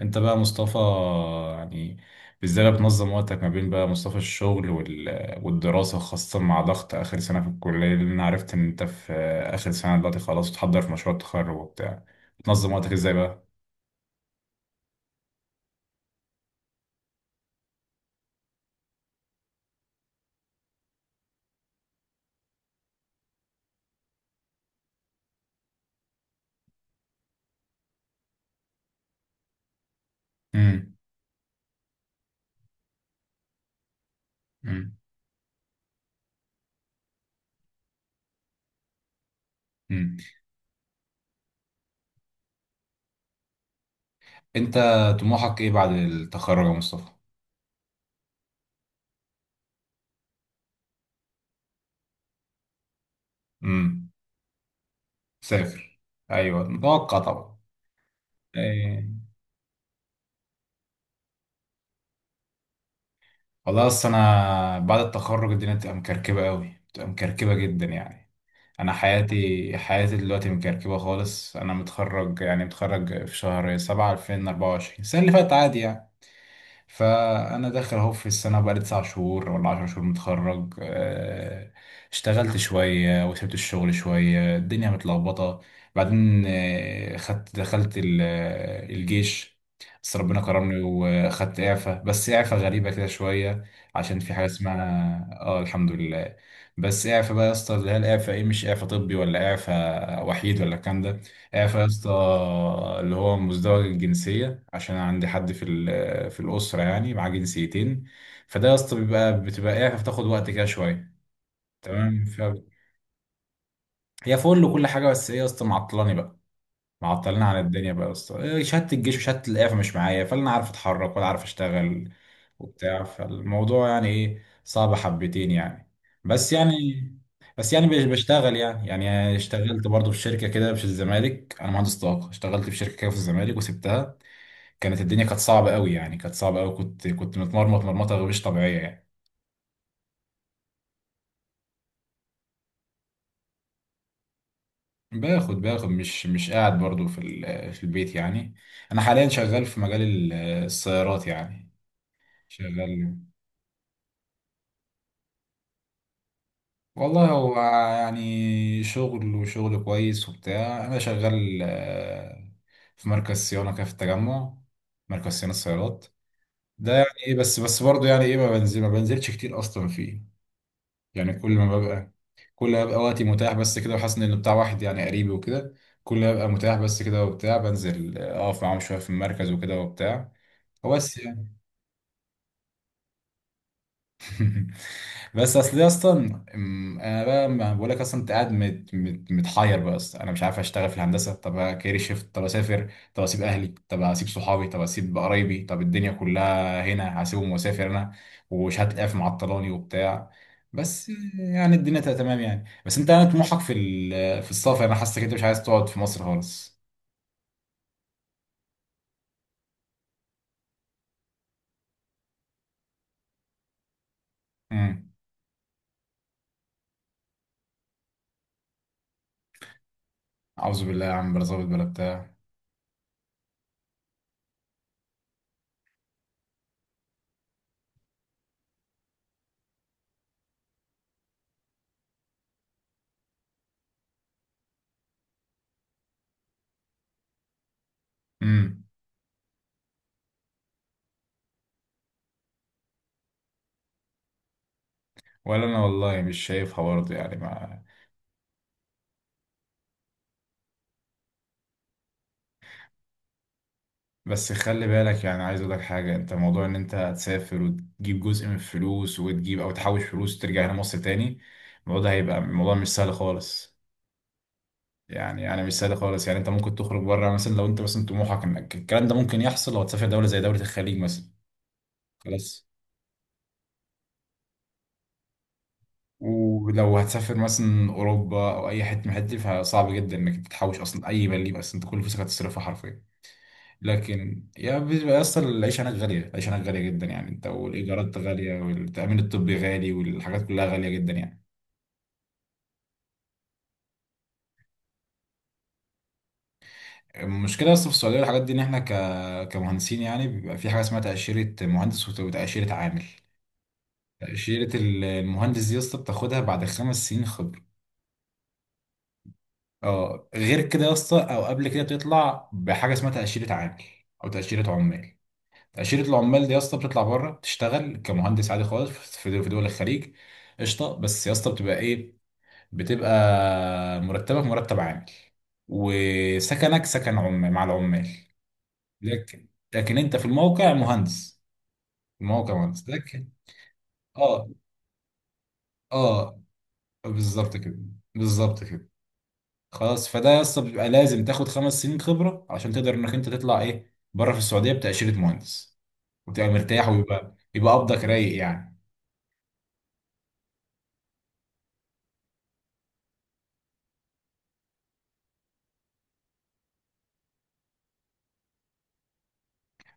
انت بقى مصطفى، يعني ازاي بقى بتنظم وقتك ما بين بقى مصطفى الشغل والدراسة، خاصة مع ضغط آخر سنة في الكلية، لأن أنا عرفت إن أنت في آخر سنة دلوقتي خلاص، بتحضر في مشروع التخرج وبتاع. بتنظم وقتك ازاي بقى؟ امم. امم. امم. أنت طموحك ايه بعد التخرج يا مصطفى؟ امم. سافر، أيوه متوقع طبعا. ايه. والله أصل أنا بعد التخرج الدنيا بتبقى مكركبة أوي، بتبقى مكركبة جدا يعني. انا حياتي دلوقتي مكركبه خالص. انا متخرج، يعني متخرج في شهر سبعة 2024، السنه اللي فاتت عادي يعني. فانا داخل اهو في السنه، بقالي 9 شهور ولا 10 شهور متخرج، اشتغلت شويه وسبت الشغل شويه، الدنيا متلخبطه. بعدين خدت دخلت الجيش، بس ربنا كرمني واخدت اعفاء، بس اعفاء غريبه كده شويه. عشان في حاجه اسمها اه الحمد لله. بس اعفاء بقى يا اسطى، اللي هي الاعفاء ايه، مش اعفاء طبي ولا اعفاء وحيد ولا الكلام ده. اعفى يا اسطى اللي هو مزدوج الجنسية، عشان أنا عندي حد في الأسرة يعني معاه جنسيتين. فده يا اسطى بيبقى بتبقى اعفى بتاخد وقت كده شوية. تمام. هي فل وكل حاجة، بس ايه يا اسطى، معطلاني بقى، معطلين عن الدنيا بقى يا اسطى. إيه، شهاده الجيش وشهاده الاعفاء مش معايا، فلا انا عارف اتحرك ولا عارف اشتغل وبتاع. فالموضوع يعني ايه، صعب حبتين يعني. بس يعني. بس يعني بشتغل يعني، اشتغلت برضه في شركه كده في الزمالك، انا مهندس طاقه، اشتغلت في شركه كده في الزمالك وسبتها. كانت الدنيا كانت صعبه قوي يعني، كانت صعبه قوي، كنت متمرمط مرمطه مش طبيعيه يعني. باخد مش قاعد برضه في البيت يعني. انا حاليا شغال السيارات يعني. شغال. والله هو يعني شغل وشغل كويس وبتاع، انا شغال، في مركز صيانه كده في التجمع، مركز صيانه السيارات ده يعني ايه. بس برضه يعني ايه، ما بنزلش كتير اصلا فيه. يعني كل ما ببقى، كل ما ببقى وقتي متاح بس كده، وحاسس ان اللي بتاع واحد يعني قريبي وكده. كل ما ببقى متاح بس كده وبتاع، بنزل اقف معاهم شويه في المركز وكده وبتاع. هو بس. بس اصل يا اسطى، انا بقى ما بقول لك اصلا، انت قاعد مت مت متحير بقى اصلا. انا مش عارف اشتغل في الهندسه، طب كارير شيفت، طب اسافر، طب اسيب اهلي، طب اسيب صحابي، طب اسيب قرايبي، طب الدنيا كلها هنا هسيبهم واسافر انا، وشهاده اف معطلاني وبتاع. بس يعني الدنيا تبقى تمام يعني، بس انت، انا طموحك في السفر، انا حاسسك انت مش عايز تقعد في مصر خالص. امم. اعوذ بالله يا عم، بلا ظابط بلا بتاع. امم. ولا انا والله مش شايفها برضه يعني ما. بس خلي بالك يعني، عايز اقول لك حاجه، انت موضوع ان انت تسافر وتجيب جزء من الفلوس، وتجيب او تحوش فلوس وترجع هنا مصر تاني، الموضوع ده هيبقى الموضوع مش سهل خالص. يعني انا مش سهل خالص يعني، انت ممكن تخرج بره مثلا، لو انت مثلا طموحك انك الكلام ده ممكن يحصل لو هتسافر دوله زي دوله الخليج مثلا، خلاص. ولو هتسافر مثلا اوروبا او اي حته من الحتت دي، فصعب جدا انك تحوش اصلا اي مليم، اصلا انت كل فلوسك هتصرفها حرفيا. لكن يا بيبقى اصلا العيشه هناك غاليه، العيشه هناك غاليه جدا يعني، انت والايجارات غاليه والتامين الطبي غالي والحاجات كلها غاليه جدا يعني. المشكله اصلا في السعوديه والحاجات دي، ان احنا كمهندسين يعني بيبقى في حاجه اسمها تاشيره مهندس وتاشيره عامل. تاشيره المهندس دي يا اسطى بتاخدها بعد 5 سنين خبره. اه غير كده يا اسطى او قبل كده، بتطلع بحاجه اسمها تاشيره عامل او تاشيره عمال. تاشيره العمال دي يا اسطى بتطلع بره تشتغل كمهندس عادي خالص في دول الخليج. قشطه. بس يا اسطى بتبقى ايه، بتبقى مرتبك مرتب عامل، وسكنك سكن عمال مع العمال. لكن، انت في الموقع مهندس، الموقع مهندس لكن. اه. اه. بالظبط كده، بالظبط كده. خلاص، فده اصلا بيبقى لازم تاخد 5 سنين خبره عشان تقدر انك انت تطلع ايه بره في السعوديه بتاشيره مهندس، وتبقى مرتاح ويبقى قبضك رايق يعني.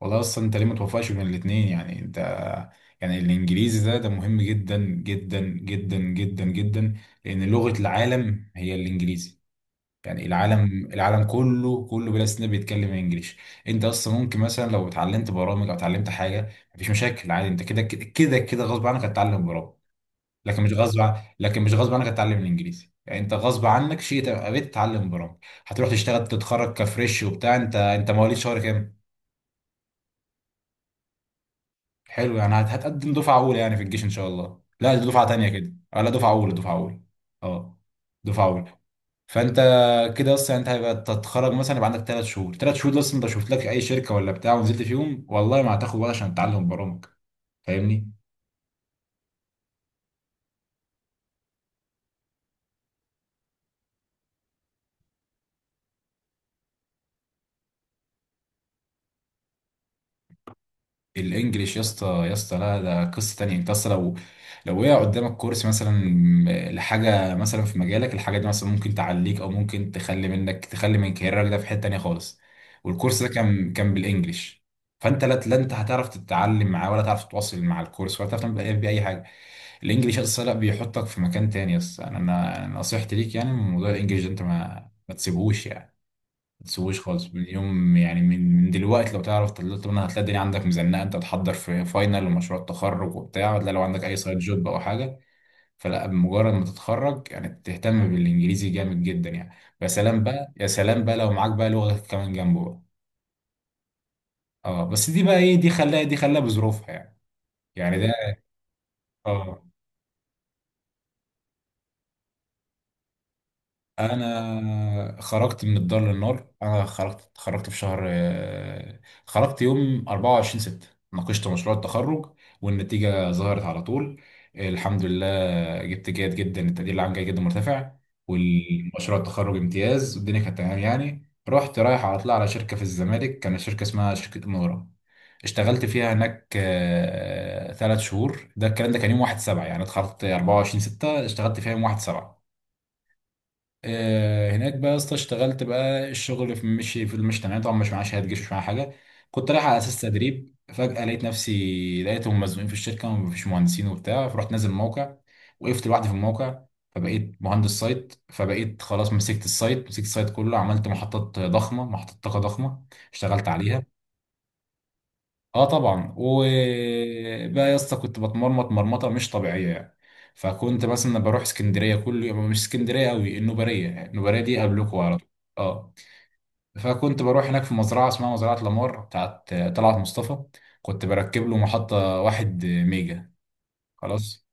والله اصلا انت ليه ما توفقش بين الاثنين، يعني انت يعني، الانجليزي ده ده مهم جدا جدا جدا جدا جدا، لان لغة العالم هي الانجليزي، يعني العالم كله كله بلا استثناء بيتكلم انجليش. انت اصلا ممكن مثلا لو اتعلمت برامج او اتعلمت حاجة، مفيش مشاكل عادي، انت كده كده كده كده غصب عنك هتتعلم برامج، لكن مش غصب عن... لكن مش غصب عنك هتتعلم الانجليزي. يعني انت غصب عنك شيء تبقى بتتعلم برامج. هتروح تشتغل تتخرج كفريش وبتاع، انت انت مواليد شهر كام؟ حلو يعني هتقدم دفعه اولى يعني في الجيش ان شاء الله. لا، دي دفعه تانيه كده، لا دفعه اولى دفعه اولى، اه دفعه اولى. فانت كده اصلا انت هيبقى تتخرج مثلا يبقى عندك 3 شهور، 3 شهور ده اصلا انت شوف لك اي شركه ولا بتاع ونزلت فيهم، والله ما هتاخد وقت عشان تتعلم برامج، فاهمني. الانجليش يا اسطى، يا اسطى لا ده قصه تانية، انت اصلا لو وقع قدامك كورس مثلا لحاجه مثلا في مجالك، الحاجه دي مثلا ممكن تعليك او ممكن تخلي منك، تخلي من كاريرك ده في حته تانية خالص، والكورس ده كان بالانجليش، فانت لا لا انت هتعرف تتعلم معاه ولا تعرف تتواصل مع الكورس ولا تعرف تعمل باي حاجه. الانجليش اصلا لا بيحطك في مكان تاني يا اسطى. انا انا أنا نصيحتي ليك يعني من موضوع الانجليش ده، انت ما تسيبهوش يعني، تسويش خالص اليوم، يعني من دلوقتي، لو تعرف تطلع منها، هتلاقي الدنيا عندك مزنقه انت تحضر في فاينل ومشروع تخرج وبتاع، لا لو عندك اي سايد جوب او حاجه، فلا بمجرد ما تتخرج يعني تهتم بالانجليزي جامد جدا يعني. يا سلام بقى، يا سلام بقى لو معاك بقى لغه كمان جنبه بقى. اه بس دي بقى ايه، دي دي خلاها بظروفها يعني. يعني ده اه. انا خرجت من الدار للنار، انا خرجت في شهر خرجت يوم 24 6. ناقشت مشروع التخرج، والنتيجه ظهرت على طول، الحمد لله. جبت جيد جدا، التقدير العام جيد جدا مرتفع، والمشروع التخرج امتياز، والدنيا كانت تمام يعني. رحت رايح على طلع على شركه في الزمالك، كانت شركه اسمها شركه منورة، اشتغلت فيها هناك 3 شهور. ده الكلام ده كان يوم 1 7، يعني اتخرجت 24 6 اشتغلت فيها يوم 1 7. هناك بقى يا اسطى اشتغلت بقى، الشغل في مشي في المشي تمام طبعا، مش معايا شهاده جيش مش معايا حاجه، كنت رايح على اساس تدريب، فجاه لقيت نفسي لقيتهم مزنوقين في الشركه ومفيش مهندسين وبتاع، فرحت نازل الموقع، وقفت لوحدي في الموقع. فبقيت مهندس سايت، فبقيت خلاص مسكت السايت، مسكت السايت كله، عملت محطات ضخمه، محطات طاقه ضخمه، اشتغلت عليها. اه طبعا، وبقى يا اسطى كنت بتمرمط مرمطه مش طبيعيه يعني. فكنت مثلا بروح اسكندريه كل يوم، مش اسكندريه قوي النوباريه، يعني النوباريه دي قبلكم على طول. اه. فكنت بروح هناك في مزرعه اسمها مزرعه لامار بتاعت طلعت مصطفى، كنت بركب له محطه 1 ميجا، خلاص.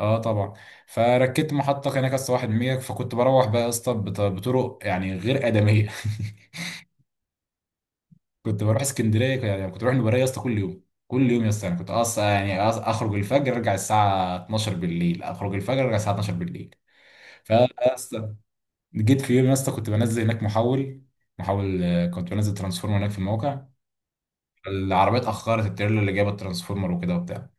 اه طبعا، فركبت محطه هناك يا اسطى 1 ميجا. فكنت بروح بقى يا اسطى بطرق يعني غير ادميه. كنت بروح اسكندريه يعني كنت بروح البريه يا اسطى كل يوم، كل يوم يا اسطى يعني، كنت اصلا يعني اخرج الفجر ارجع الساعه 12 بالليل، اخرج الفجر ارجع الساعه 12 بالليل. فيا اسطى جيت في يوم يا اسطى، كنت بنزل هناك محول، كنت بنزل ترانسفورمر هناك في الموقع، العربيه اتاخرت، التريلا اللي جايبه الترانسفورمر وكده وبتاع،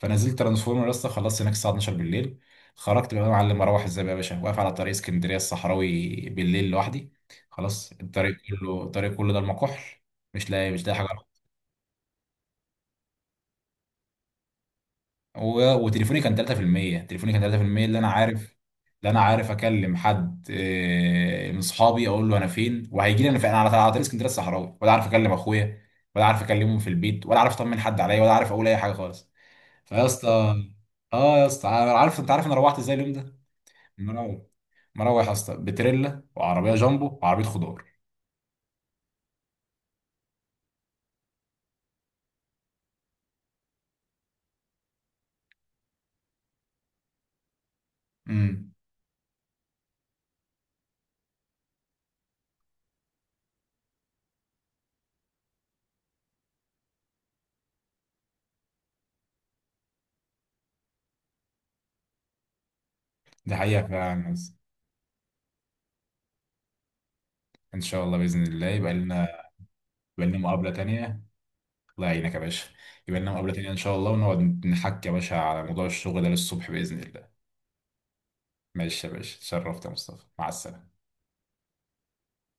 فنزلت ترانسفورمر يا اسطى، خلصت هناك الساعه 12 بالليل. خرجت بقى يا معلم، اروح ازاي بقى يا باشا، واقف على طريق اسكندريه الصحراوي بالليل لوحدي، خلاص، الطريق كله، الطريق كله ده المكحل، مش لاقي، حاجه. وتليفوني كان 3%، اللي انا عارف، اكلم حد من صحابي اقول له انا فين وهيجي لي انا فين. انا على على طريق اسكندريه الصحراوي، ولا عارف اكلم اخويا، ولا عارف اكلمهم في البيت، ولا عارف اطمن حد عليا، ولا عارف اقول اي حاجه خالص. فيا اسطى اه يا اسطى، انا عارف انت عارف انا روحت ازاي اليوم ده، مروح مروح يا اسطى بتريلا وعربيه جامبو وعربيه خضار. امم. دي حقيقه فعلا يا اسطى. ان شاء الله باذن الله يبقى لنا، مقابله تانيه. الله يعينك يا باشا. يبقى لنا مقابلة تانية إن شاء الله، ونقعد نحكي يا باشا على موضوع الشغل ده للصبح بإذن الله. ماشي يا باشا، اتشرفت يا مصطفى، مع السلامة.